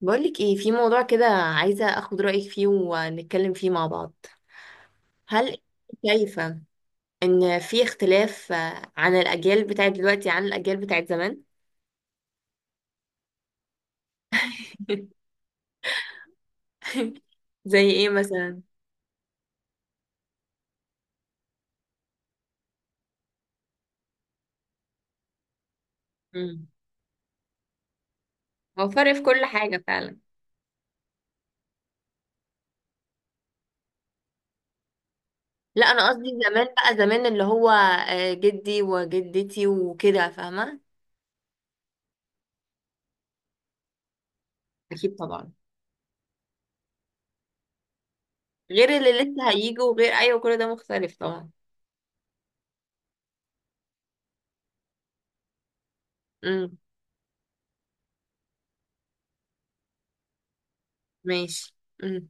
بقولك ايه؟ في موضوع كده عايزة اخد رأيك فيه ونتكلم فيه مع بعض. هل شايفة ان في اختلاف عن الاجيال بتاعت دلوقتي عن الاجيال بتاعت زمان؟ زي ايه مثلا؟ مم. هو فرق في كل حاجة فعلا. لا، انا قصدي زمان، بقى زمان اللي هو جدي وجدتي وكده، فاهمة؟ اكيد طبعا. غير اللي لسه هيجوا، غير، ايوه، كل ده مختلف طبعا. امم. ماشي. امم.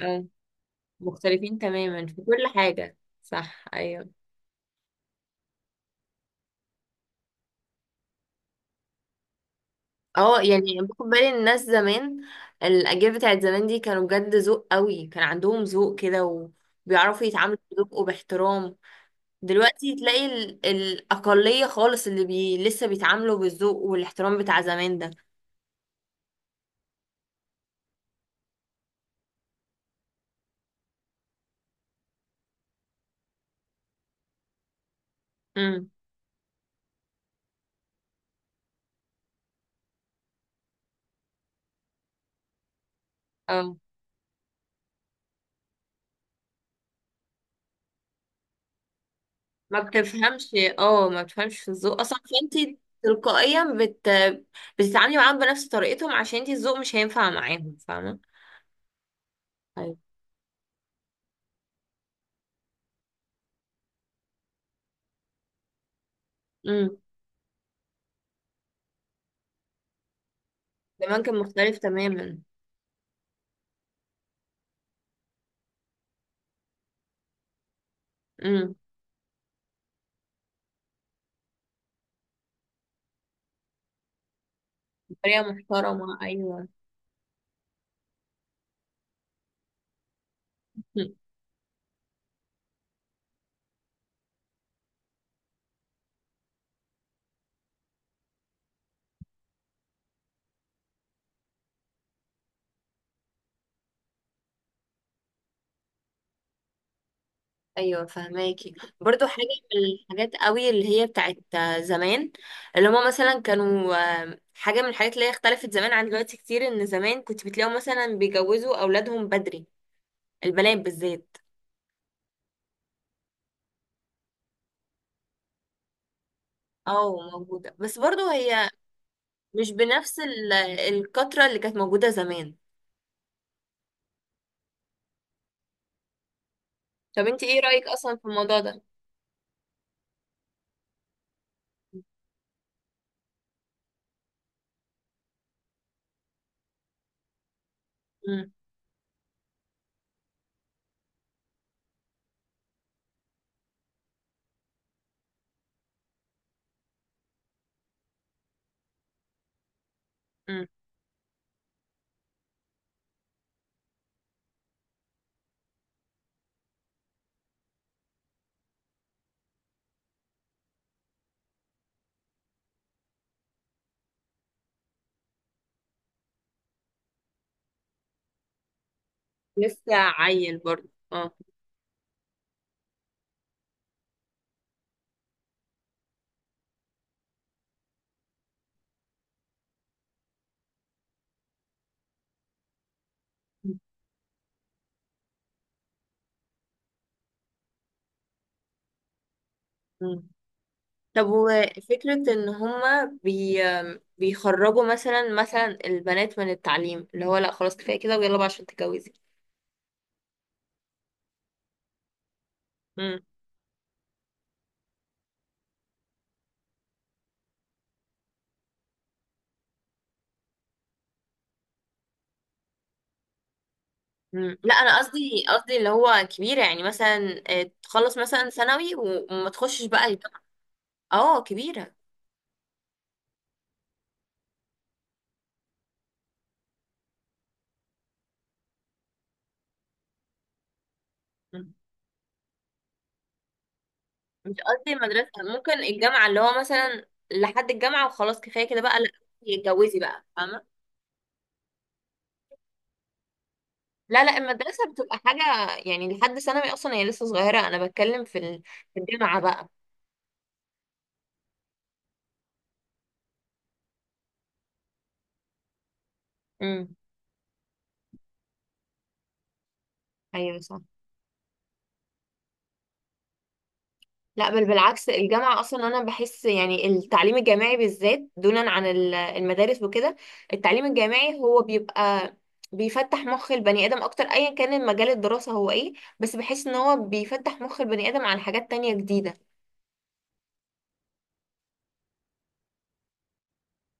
اه، مختلفين تماما في كل حاجة. صح، ايوه. اه، يعني باخد بالي إن الناس زمان الاجيال بتاعت زمان دي كانوا بجد ذوق قوي، كان عندهم ذوق كده. وبيعرفوا يتعاملوا بذوق وباحترام. دلوقتي تلاقي الاقليه خالص اللي لسه بيتعاملوا بالذوق والاحترام بتاع زمان ده. امم. اه اه، ما بتفهمش في الذوق اصلا، فانت تلقائيا بتتعاملي معاهم بنفس طريقتهم، عشان انت الذوق مش هينفع معاهم، فاهمه؟ طيب. امم. زمان كان مختلف تماما. امم. بطريقه محترمه، ايوه. ايوه، فهماكي. برضو حاجه من الحاجات قوي اللي هي بتاعت زمان اللي هما مثلا كانوا، حاجه من الحاجات اللي هي اختلفت زمان عن دلوقتي كتير، ان زمان كنت بتلاقيهم مثلا بيجوزوا اولادهم بدري. البنات بالذات. اه، موجوده، بس برضو هي مش بنفس الكتره اللي كانت موجوده زمان. طب انت ايه رايك اصلا في الموضوع ده؟ مم. مم. لسه عيل برضو، اه. مم. طب، وفكرة ان هما بيخرجوا مثلا البنات من التعليم، اللي هو لا خلاص كفاية كده، ويلا بقى عشان تتجوزي؟ مم. مم. لا، انا قصدي اللي هو كبيرة، يعني مثلا تخلص مثلا ثانوي وما تخشش بقى الجامعة. اه، كبيرة. مم. مش قصدي المدرسة. ممكن الجامعة اللي هو مثلا لحد الجامعة وخلاص كفاية كده بقى، لا. اتجوزي بقى، فاهمة؟ لا، لا، المدرسة بتبقى حاجة. يعني لحد ثانوي اصلا هي لسه صغيرة، انا بتكلم في في الجامعة بقى. امم. ايوه، صح. لا بل بالعكس، الجامعة أصلا أنا بحس يعني التعليم الجامعي بالذات دونا عن المدارس وكده. التعليم الجامعي هو بيبقى بيفتح مخ البني آدم أكتر، أيا كان مجال الدراسة هو إيه. بس بحس إن هو بيفتح مخ البني آدم عن حاجات تانية جديدة.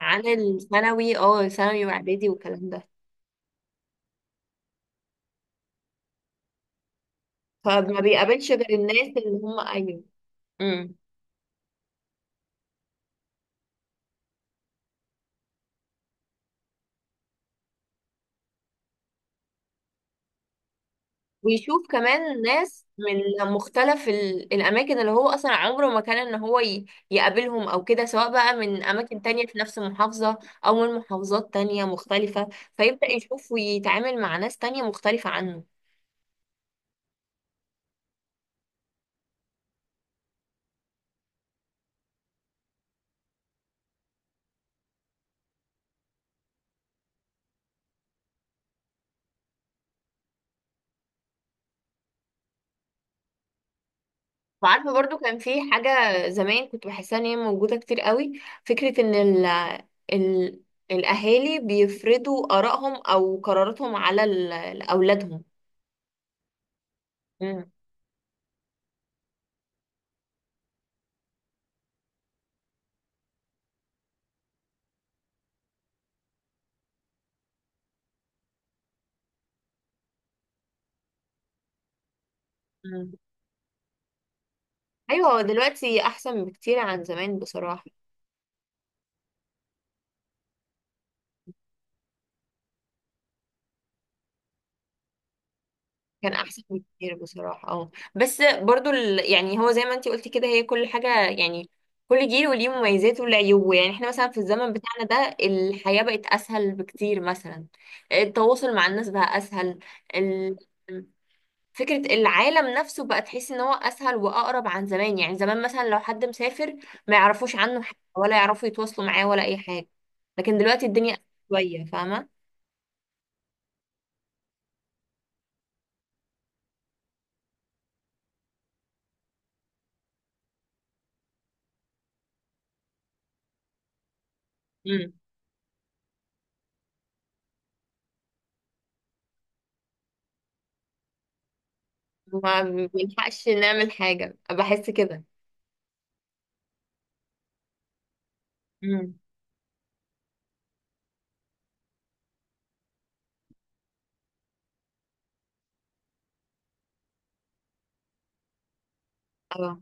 عن الثانوي، اه، ثانوي وإعدادي والكلام ده. فما بيقابلش غير الناس اللي هم، أيوه. امم. ويشوف كمان ناس من مختلف الأماكن اللي هو أصلا عمره ما كان إن هو يقابلهم أو كده، سواء بقى من أماكن تانية في نفس المحافظة أو من محافظات تانية مختلفة. فيبدأ يشوف ويتعامل مع ناس تانية مختلفة عنه. وعارفة، برضو كان في حاجة زمان كنت بحسها إن هي موجودة كتير قوي، فكرة إن ال ال الأهالي بيفرضوا آرائهم أو قراراتهم على أولادهم. مم. مم. أيوة، هو دلوقتي أحسن بكتير عن زمان بصراحة. كان احسن بكتير بصراحه، اه، بس برضو يعني هو زي ما انتي قلتي كده، هي كل حاجه، يعني كل جيل وليه مميزاته وليه عيوبه، يعني احنا مثلا في الزمن بتاعنا ده الحياه بقت اسهل بكتير مثلا. التواصل مع الناس بقى اسهل. ال... فكره العالم نفسه بقى تحس ان هو اسهل واقرب عن زمان، يعني زمان مثلا لو حد مسافر ما يعرفوش عنه حاجه ولا يعرفوا يتواصلوا معاه ولا اي حاجه. لكن دلوقتي الدنيا أسهل شويه، فاهمه. امم. ما بنلحقش نعمل حاجه، بحس كده. امم. اه،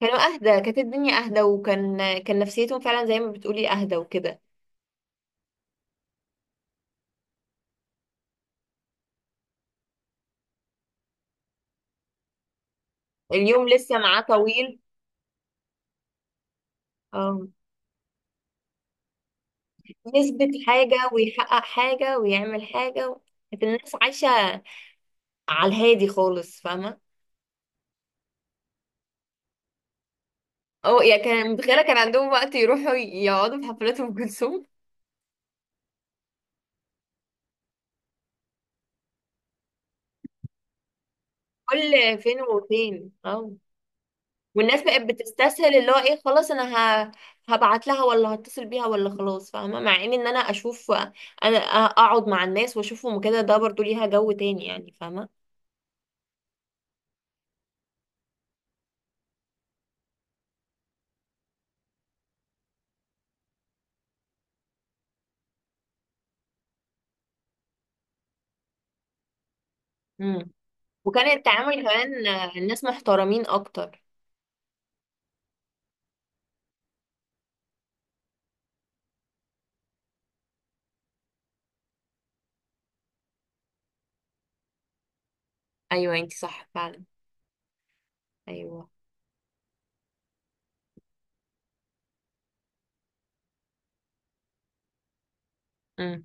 كانوا اهدى، كانت الدنيا اهدى، وكان كان نفسيتهم فعلا زي ما بتقولي اهدى وكده. اليوم لسه معاه طويل. اه، يثبت حاجة ويحقق حاجة ويعمل حاجة. كانت الناس عايشة على الهادي خالص، فاهمة؟ اه، يعني كان متخيلة كان عندهم وقت يروحوا يقعدوا في حفلات أم كلثوم؟ كل فين وفين، اه. والناس بقت بتستسهل اللي هو ايه، خلاص انا ه... هبعت لها ولا هتصل بيها ولا خلاص، فاهمه؟ مع ان انا اشوف، انا اقعد مع الناس واشوفهم كده، ده برضو ليها جو تاني يعني، فاهمه. امم. وكان التعامل كمان الناس محترمين اكتر. ايوه، انتي صح فعلا. ايوه. امم.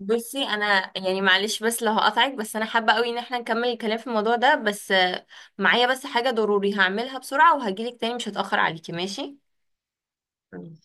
بصي، انا يعني معلش بس لو هقطعك، بس انا حابه قوي ان احنا نكمل الكلام في الموضوع ده، بس معايا بس حاجه ضروري هعملها بسرعه وهجيلك تاني، مش هتاخر عليكي، ماشي؟ مم.